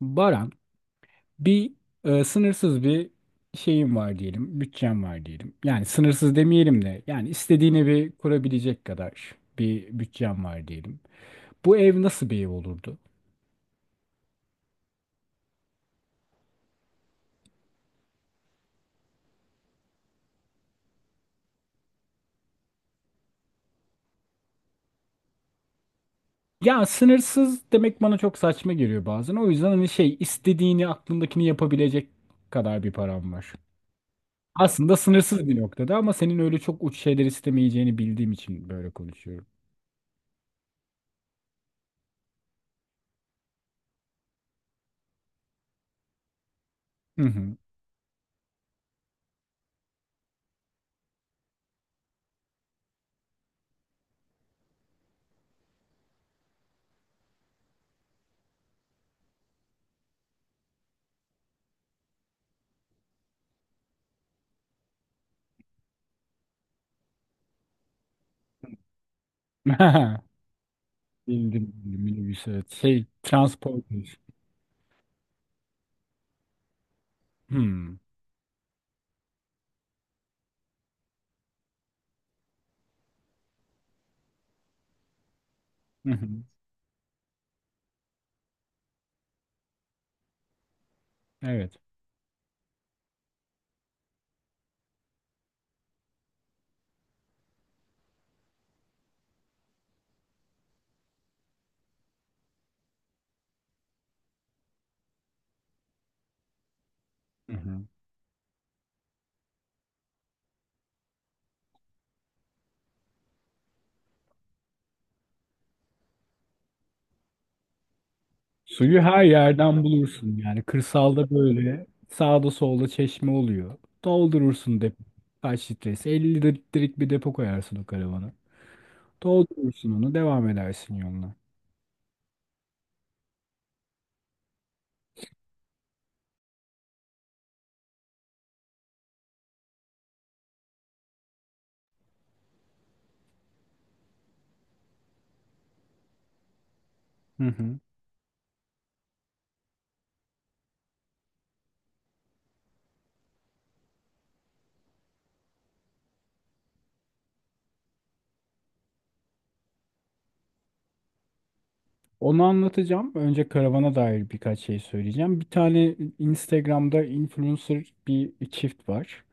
Baran, bir sınırsız bir şeyim var diyelim, bütçem var diyelim. Yani sınırsız demeyelim de, yani istediğin evi kurabilecek kadar bir bütçem var diyelim. Bu ev nasıl bir ev olurdu? Ya sınırsız demek bana çok saçma geliyor bazen. O yüzden hani şey istediğini aklındakini yapabilecek kadar bir param var. Aslında sınırsız bir noktada ama senin öyle çok uç şeyler istemeyeceğini bildiğim için böyle konuşuyorum. Hı hı. Bildim, bildim, minibüs, evet. Şey, transport. Hmm. Hı hı. Evet. Hı hı. Suyu her yerden bulursun. Yani kırsalda böyle sağda solda çeşme oluyor. Doldurursun depo. Kaç litresi? 50 litrelik bir depo koyarsın o karavana. Doldurursun onu. Devam edersin yoluna. Hı hı. Onu anlatacağım. Önce karavana dair birkaç şey söyleyeceğim. Bir tane Instagram'da influencer bir çift var.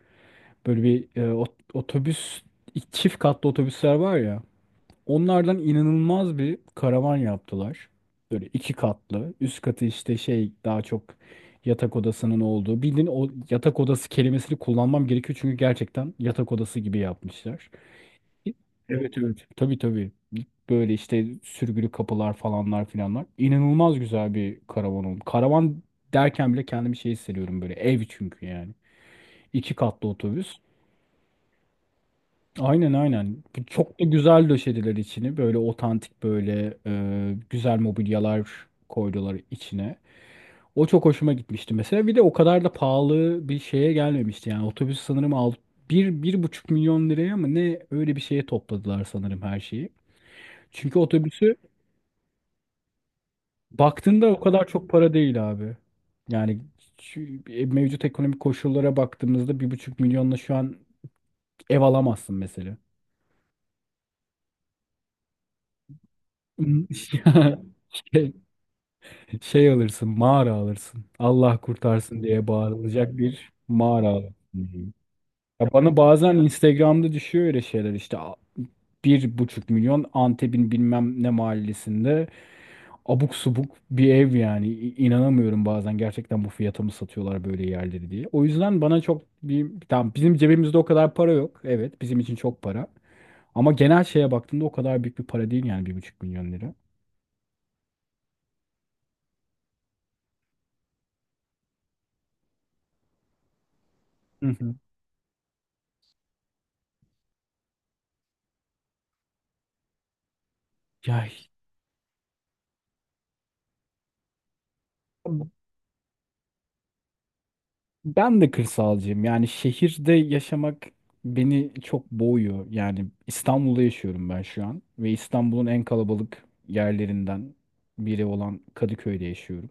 Böyle bir otobüs, çift katlı otobüsler var ya. Onlardan inanılmaz bir karavan yaptılar. Böyle iki katlı. Üst katı işte şey daha çok yatak odasının olduğu. Bildiğin o yatak odası kelimesini kullanmam gerekiyor çünkü gerçekten yatak odası gibi yapmışlar. Evet, evet. Tabii, tabii. Böyle işte sürgülü kapılar falanlar filanlar. İnanılmaz güzel bir karavan oldu. Karavan derken bile kendimi şey hissediyorum böyle. Ev çünkü yani. İki katlı otobüs. Aynen, aynen. Bu çok da güzel döşediler içini. Böyle otantik böyle güzel mobilyalar koydular içine. O çok hoşuma gitmişti mesela. Bir de o kadar da pahalı bir şeye gelmemişti. Yani otobüs sanırım al 1,5 milyon liraya mı ne öyle bir şeye topladılar sanırım her şeyi. Çünkü otobüsü baktığında o kadar çok para değil abi. Yani şu mevcut ekonomik koşullara baktığımızda 1,5 milyonla şu an ev alamazsın mesela. Şey, şey alırsın, mağara alırsın. Allah kurtarsın diye bağırılacak bir mağara alırsın. Hı hı. Ya bana bazen Instagram'da düşüyor öyle şeyler işte 1,5 milyon Antep'in bilmem ne mahallesinde abuk subuk bir ev yani. İnanamıyorum bazen gerçekten bu fiyata mı satıyorlar böyle yerleri diye. O yüzden bana çok bir tamam bizim cebimizde o kadar para yok. Evet, bizim için çok para. Ama genel şeye baktığında o kadar büyük bir para değil yani 1,5 milyon lira. Hı hı. Ya ben de kırsalcıyım. Yani şehirde yaşamak beni çok boğuyor. Yani İstanbul'da yaşıyorum ben şu an ve İstanbul'un en kalabalık yerlerinden biri olan Kadıköy'de yaşıyorum.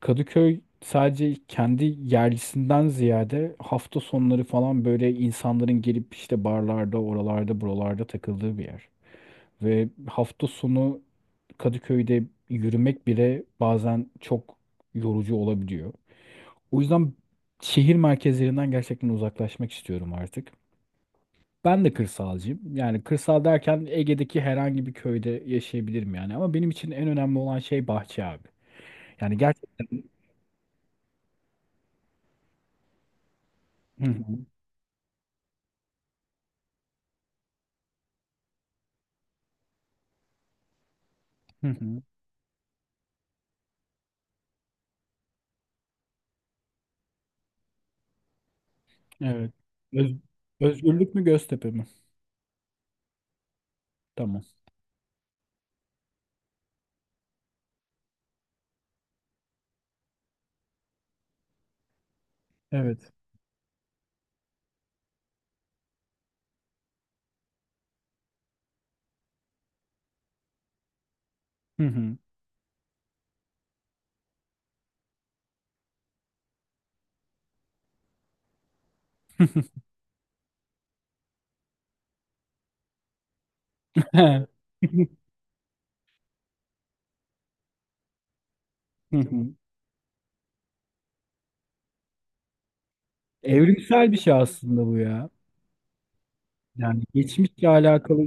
Kadıköy sadece kendi yerlisinden ziyade hafta sonları falan böyle insanların gelip işte barlarda, oralarda, buralarda takıldığı bir yer. Ve hafta sonu Kadıköy'de yürümek bile bazen çok yorucu olabiliyor. O yüzden şehir merkezlerinden gerçekten uzaklaşmak istiyorum artık. Ben de kırsalcıyım. Yani kırsal derken Ege'deki herhangi bir köyde yaşayabilirim yani. Ama benim için en önemli olan şey bahçe abi. Yani gerçekten... Hı hı, hı hı. Evet. Öz- Özgürlük mü Göztepe mi? Tamam. Evet. Hı hı. Hı hı. Evrimsel bir şey aslında bu ya. Yani geçmişle alakalı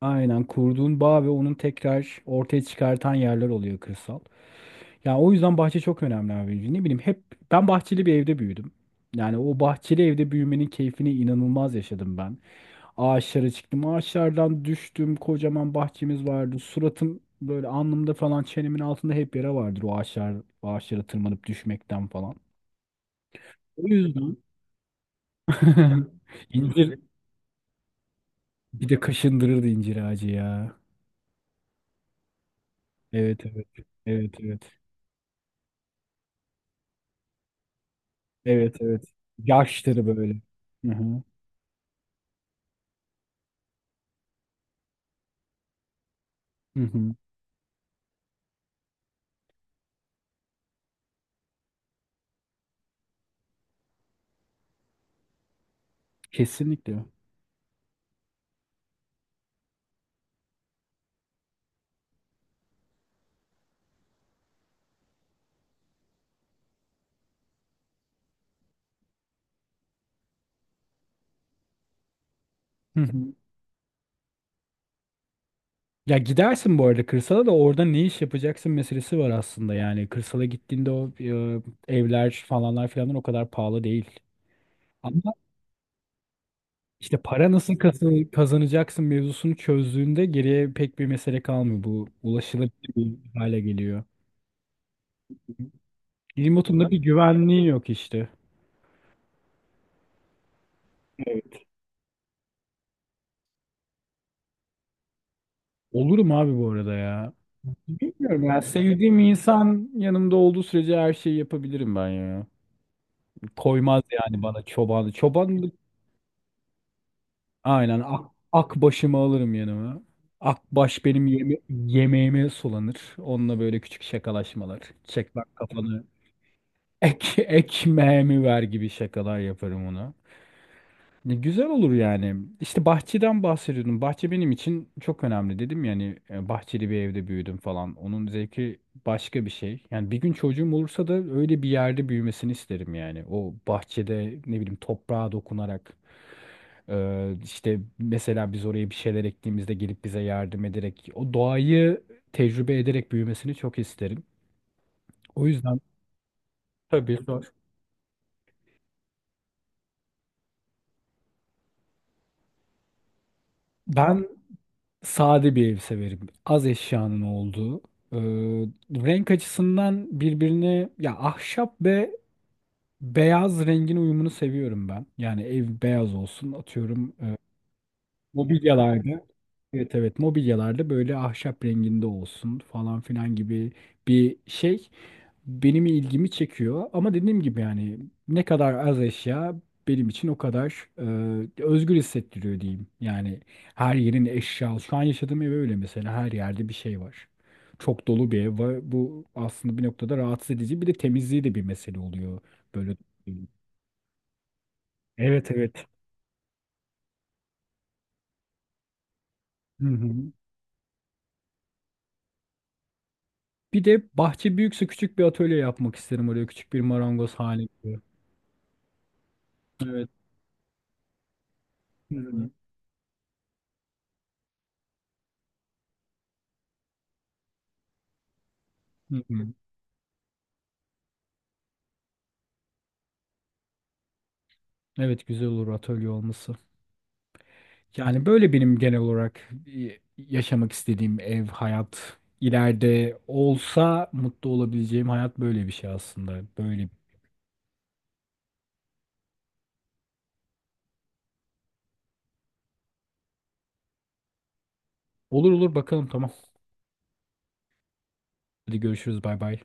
aynen kurduğun bağ ve onun tekrar ortaya çıkartan yerler oluyor kırsal. Ya o yüzden bahçe çok önemli abi. Ne bileyim hep ben bahçeli bir evde büyüdüm. Yani o bahçeli evde büyümenin keyfini inanılmaz yaşadım ben. Ağaçlara çıktım, ağaçlardan düştüm. Kocaman bahçemiz vardı. Suratım böyle alnımda falan çenemin altında hep yara vardır o ağaçlar ağaçlara tırmanıp düşmekten falan. O yüzden incir bir de kaşındırırdı incir ağacı ya. Evet, evet. Evet, evet. Evet, evet. Yaşları böyle. Hı hı. Hı hı. Kesinlikle. Hı hı. Ya gidersin bu arada kırsala da orada ne iş yapacaksın meselesi var aslında yani. Kırsala gittiğinde o evler falanlar filanlar o kadar pahalı değil. Ama işte para nasıl kazanacaksın mevzusunu çözdüğünde geriye pek bir mesele kalmıyor. Bu ulaşılabilir bir hale geliyor. Remote'un da bir güvenliği yok işte. Evet. Olurum abi bu arada ya. Bilmiyorum ya. Sevdiğim insan yanımda olduğu sürece her şeyi yapabilirim ben ya. Koymaz yani bana çobanı. Çobanlık aynen ak başımı alırım yanıma. Akbaş benim yeme yemeğime sulanır. Onunla böyle küçük şakalaşmalar. Çek bak kafanı. Ek ekmeğimi ver gibi şakalar yaparım ona. Ne güzel olur yani. İşte bahçeden bahsediyordum. Bahçe benim için çok önemli dedim yani bahçeli bir evde büyüdüm falan. Onun zevki başka bir şey. Yani bir gün çocuğum olursa da öyle bir yerde büyümesini isterim yani. O bahçede ne bileyim toprağa dokunarak işte mesela biz oraya bir şeyler ektiğimizde gelip bize yardım ederek o doğayı tecrübe ederek büyümesini çok isterim. O yüzden tabii ben sade bir ev severim. Az eşyanın olduğu. Ee, Renk açısından birbirine ya ahşap ve beyaz rengin uyumunu seviyorum ben. Yani ev beyaz olsun atıyorum mobilyalarda. Evet, evet, mobilyalarda böyle ahşap renginde olsun falan filan gibi bir şey benim ilgimi çekiyor ama dediğim gibi yani ne kadar az eşya benim için o kadar özgür hissettiriyor diyeyim. Yani her yerin eşya. Şu an yaşadığım ev öyle mesela her yerde bir şey var. Çok dolu bir ev var. Bu aslında bir noktada rahatsız edici. Bir de temizliği de bir mesele oluyor. Böyle. Evet, evet. Hı hı. Bir de bahçe büyükse küçük bir atölye yapmak isterim oraya. Küçük bir marangoz hali gibi. Evet. Hı hı. Hı hı. Evet, güzel olur atölye olması. Yani böyle benim genel olarak yaşamak istediğim ev, hayat, ileride olsa mutlu olabileceğim hayat böyle bir şey aslında. Böyle. Olur olur bakalım, tamam. Hadi görüşürüz, bay bay.